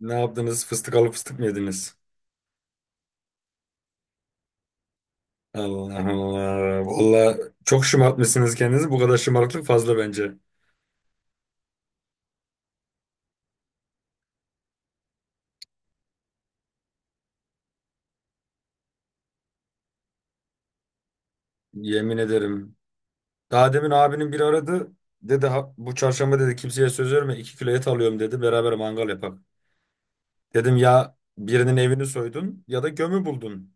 Ne yaptınız? Fıstık alıp fıstık mı yediniz? Allah Allah. Valla çok şımartmışsınız kendinizi. Bu kadar şımarıklık fazla bence. Yemin ederim. Daha demin abinin biri aradı. Dedi bu çarşamba dedi kimseye söz verme 2 kilo et alıyorum dedi. Beraber mangal yapak. Dedim ya birinin evini soydun ya da gömü buldun.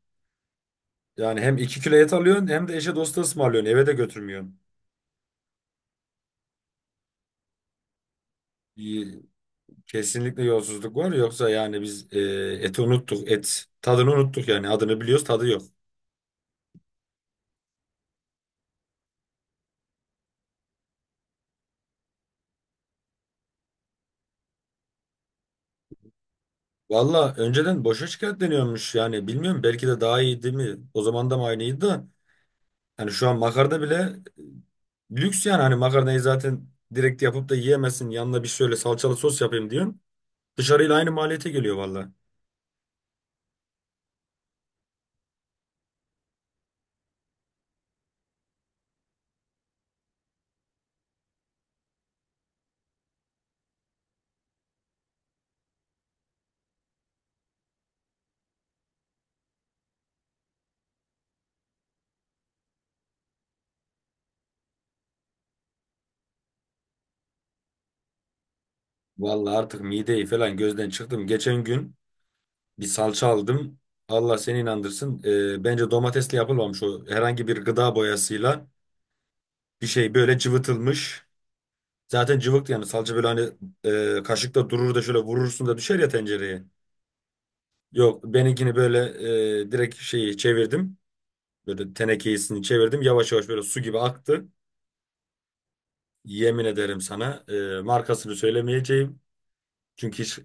Yani hem 2 kilo et alıyorsun hem de eşe dosta ısmarlıyorsun. Eve de götürmüyorsun. İyi, kesinlikle yolsuzluk var. Yoksa yani biz eti unuttuk. Et tadını unuttuk yani. Adını biliyoruz tadı yok. Valla önceden boşa şikayetleniyormuş yani bilmiyorum belki de daha iyiydi mi? O zaman da mı aynıydı da hani şu an makarna bile lüks yani hani makarnayı zaten direkt yapıp da yiyemezsin yanına bir şöyle salçalı sos yapayım diyorsun. Dışarıyla aynı maliyete geliyor valla. Valla artık mideyi falan gözden çıktım. Geçen gün bir salça aldım. Allah seni inandırsın. Bence domatesle yapılmamış o herhangi bir gıda boyasıyla bir şey böyle cıvıtılmış. Zaten cıvıktı yani salça böyle hani kaşıkta durur da şöyle vurursun da düşer ya tencereye. Yok benimkini böyle direkt şeyi çevirdim. Böyle tenekesini çevirdim. Yavaş yavaş böyle su gibi aktı. Yemin ederim sana markasını söylemeyeceğim. Çünkü hiç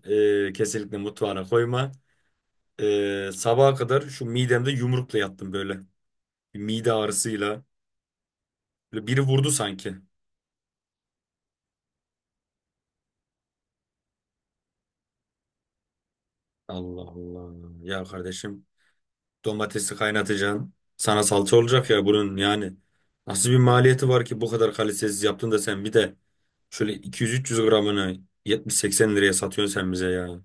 kesinlikle mutfağına koyma. Sabaha kadar şu midemde yumrukla yattım böyle. Bir mide ağrısıyla. Böyle biri vurdu sanki. Allah Allah. Ya kardeşim, domatesi kaynatacaksın. Sana salça olacak ya bunun yani. Nasıl bir maliyeti var ki bu kadar kalitesiz yaptın da sen bir de şöyle 200-300 gramını 70-80 liraya satıyorsun sen bize ya.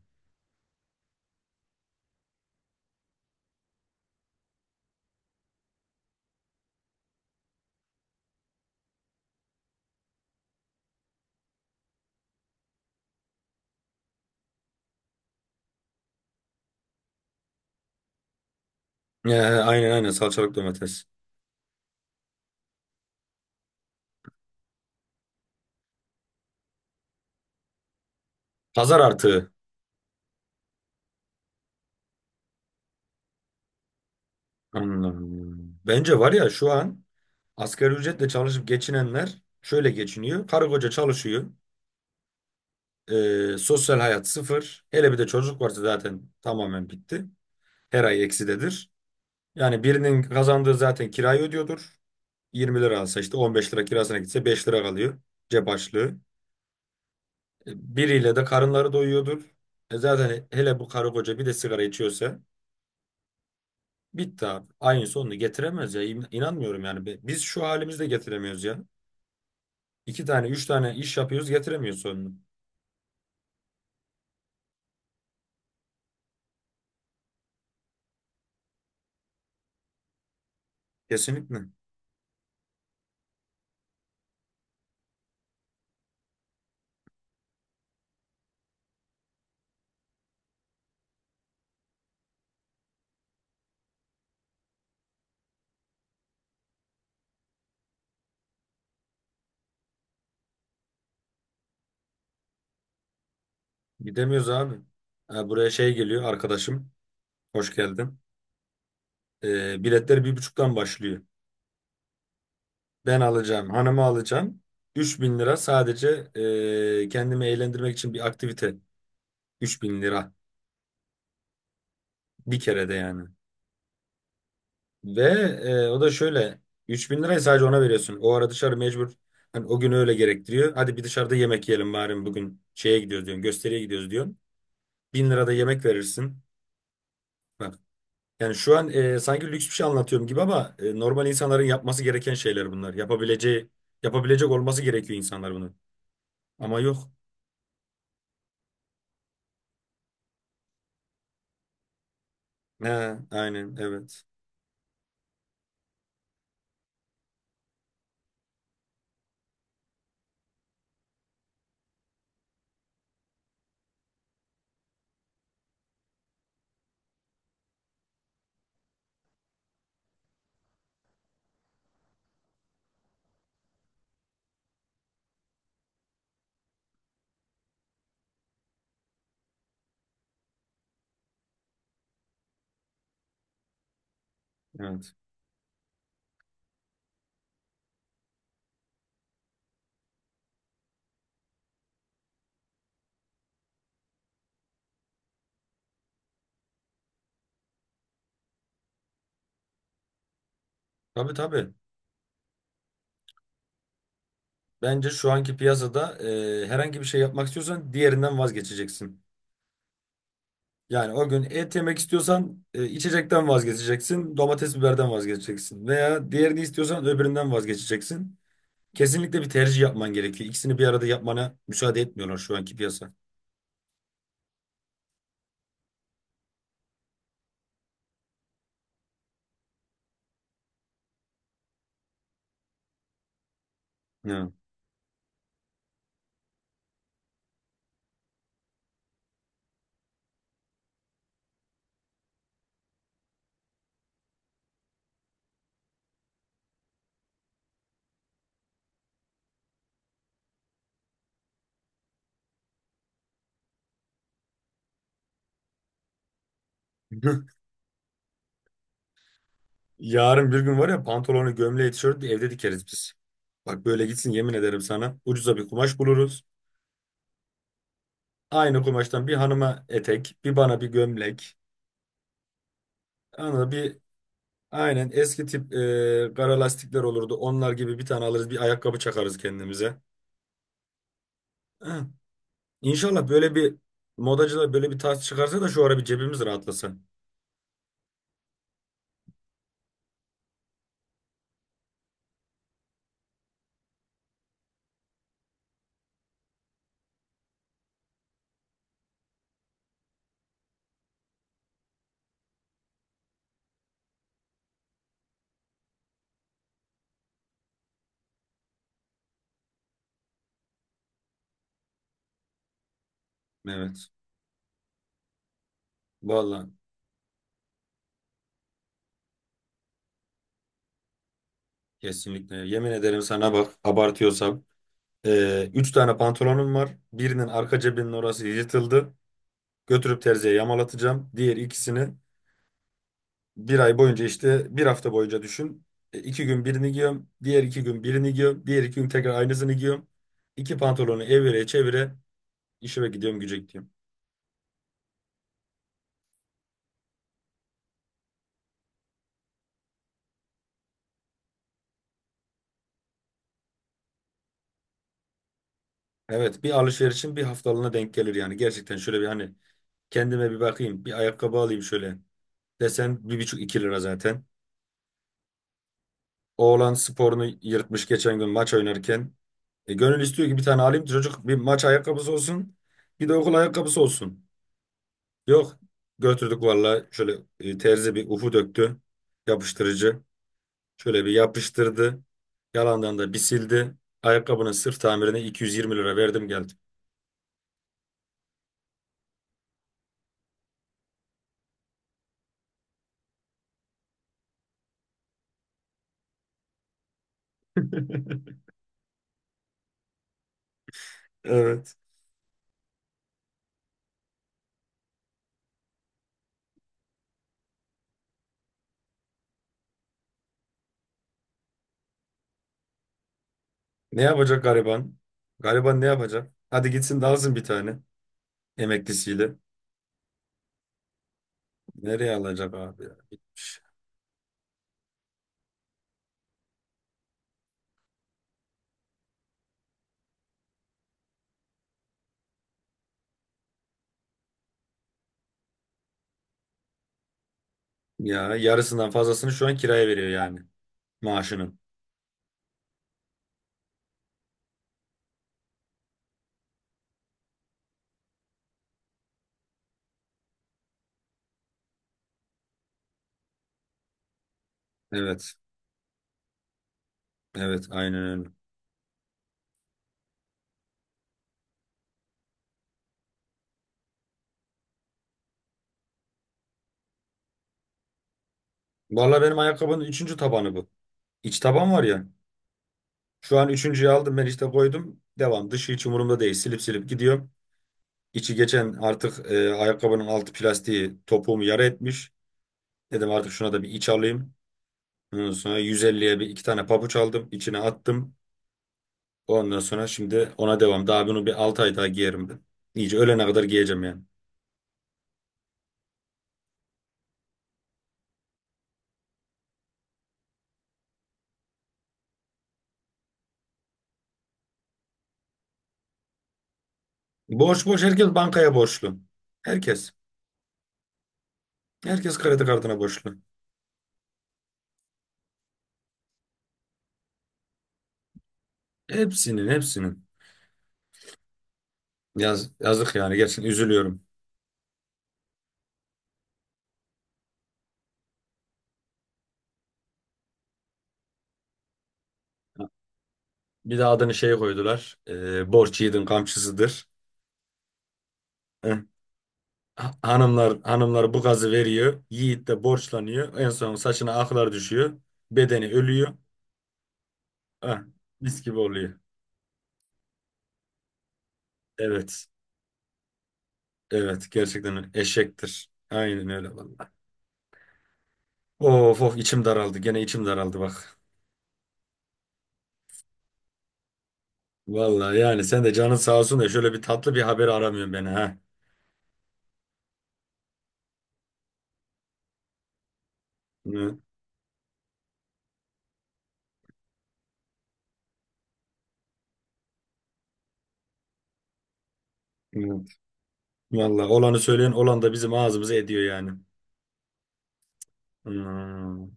Ya, aynen aynen salçalık domates. Pazar artığı. Anladım. Bence var ya şu an asgari ücretle çalışıp geçinenler şöyle geçiniyor. Karı koca çalışıyor. Sosyal hayat sıfır. Hele bir de çocuk varsa zaten tamamen bitti. Her ay eksidedir. Yani birinin kazandığı zaten kirayı ödüyordur. 20 lira alsa işte 15 lira kirasına gitse 5 lira kalıyor cep açlığı. Biriyle de karınları doyuyordur. Zaten hele bu karı koca bir de sigara içiyorsa bitti abi. Aynı sonunu getiremez ya. İnanmıyorum yani. Biz şu halimizde getiremiyoruz ya. İki tane, üç tane iş yapıyoruz getiremiyoruz sonunu. Kesinlikle. Gidemiyoruz abi. Ha, buraya şey geliyor arkadaşım. Hoş geldin. Biletler bir buçuktan başlıyor. Ben alacağım, hanımı alacağım. 3.000 lira sadece kendimi eğlendirmek için bir aktivite. 3.000 lira bir kerede yani. Ve o da şöyle 3.000 lirayı sadece ona veriyorsun. O ara dışarı mecbur hani o gün öyle gerektiriyor. Hadi bir dışarıda yemek yiyelim bari bugün şeye gidiyoruz diyorsun. Gösteriye gidiyoruz diyorsun. 1.000 lirada yemek verirsin. Bak yani şu an sanki lüks bir şey anlatıyorum gibi ama normal insanların yapması gereken şeyler bunlar. Yapabileceği yapabilecek olması gerekiyor insanlar bunu. Ama yok. He, aynen evet. Evet. Tabii tabii. Bence şu anki piyasada herhangi bir şey yapmak istiyorsan diğerinden vazgeçeceksin. Yani o gün et yemek istiyorsan içecekten vazgeçeceksin, domates biberden vazgeçeceksin veya diğerini istiyorsan öbüründen vazgeçeceksin. Kesinlikle bir tercih yapman gerekiyor. İkisini bir arada yapmana müsaade etmiyorlar şu anki piyasa. Ya. Yarın bir gün var ya pantolonu, gömleği, tişörtü evde dikeriz biz. Bak böyle gitsin yemin ederim sana. Ucuza bir kumaş buluruz. Aynı kumaştan bir hanıma etek, bir bana bir gömlek. Anladın mı? Bir aynen eski tip kara lastikler olurdu. Onlar gibi bir tane alırız, bir ayakkabı çakarız kendimize. İnşallah böyle bir modacılar böyle bir tarz çıkarsa da şu ara bir cebimiz rahatlasa. Evet. Vallahi kesinlikle. Yemin ederim sana bak abartıyorsam. Üç tane pantolonum var. Birinin arka cebinin orası yırtıldı. Götürüp terziye yamalatacağım. Diğer ikisini bir ay boyunca işte bir hafta boyunca düşün. İki gün birini giyiyorum. Diğer iki gün birini giyiyorum. Diğer iki gün tekrar aynısını giyiyorum. İki pantolonu evire çevire işime gidiyorum gücek diyorum. Evet bir alışverişin bir haftalığına denk gelir yani. Gerçekten şöyle bir hani kendime bir bakayım. Bir ayakkabı alayım şöyle. Desen bir buçuk iki lira zaten. Oğlan sporunu yırtmış geçen gün maç oynarken. Gönül istiyor ki bir tane alayım ki çocuk bir maç ayakkabısı olsun. Bir de okul ayakkabısı olsun. Yok. Götürdük valla şöyle terzi bir ufu döktü. Yapıştırıcı. Şöyle bir yapıştırdı. Yalandan da bir sildi. Ayakkabının sırf tamirine 220 lira verdim geldim. Evet. Ne yapacak gariban? Gariban ne yapacak? Hadi gitsin de alsın bir tane emeklisiyle. Nereye alacak abi ya? Ya yarısından fazlasını şu an kiraya veriyor yani maaşının. Evet. Evet aynen öyle. Valla benim ayakkabının üçüncü tabanı bu. İç taban var ya. Şu an üçüncüyü aldım ben işte koydum. Devam. Dışı hiç umurumda değil. Silip silip gidiyorum. İçi geçen artık ayakkabının altı plastiği topuğumu yara etmiş. Dedim artık şuna da bir iç alayım. Ondan sonra 150'ye bir iki tane pabuç aldım. İçine attım. Ondan sonra şimdi ona devam. Daha bunu bir 6 ay daha giyerim ben. İyice ölene kadar giyeceğim yani. Borç borç herkes bankaya borçlu. Herkes. Herkes kredi kartına borçlu. Hepsinin hepsinin. Yazık yani gerçekten üzülüyorum. Bir de adını şey koydular. Borç yiğidin kamçısıdır. Eh, Hanımlar hanımlar bu gazı veriyor. Yiğit de borçlanıyor. En son saçına aklar düşüyor. Bedeni ölüyor. Ah, mis gibi oluyor. Evet. Evet gerçekten eşektir. Aynen öyle vallahi. Of of içim daraldı. Gene içim daraldı bak. Vallahi yani sen de canın sağ olsun da şöyle bir tatlı bir haber aramıyorsun beni ha. Hı, hı. Vallahi olanı söyleyen olan da bizim ağzımızı ediyor yani. Hmm,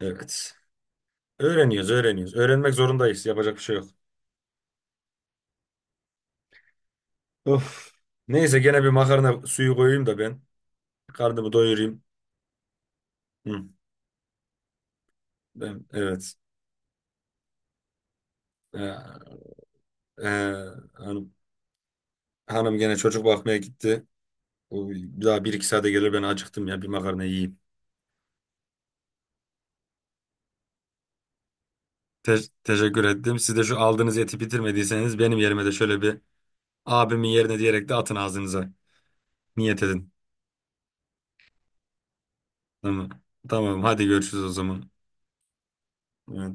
evet. Öğreniyoruz, öğreniyoruz. Öğrenmek zorundayız. Yapacak bir şey yok. Of. Neyse gene bir makarna suyu koyayım da ben karnımı doyurayım. Hı, ben, evet. Ee, e, Hanım, hanım gene çocuk bakmaya gitti. O bir daha bir iki saate gelir ben acıktım ya bir makarna yiyeyim. Teşekkür ettim. Siz de şu aldığınız eti bitirmediyseniz benim yerime de şöyle bir abimin yerine diyerek de atın ağzınıza. Niyet edin. Tamam. Tamam hadi görüşürüz o zaman. Evet.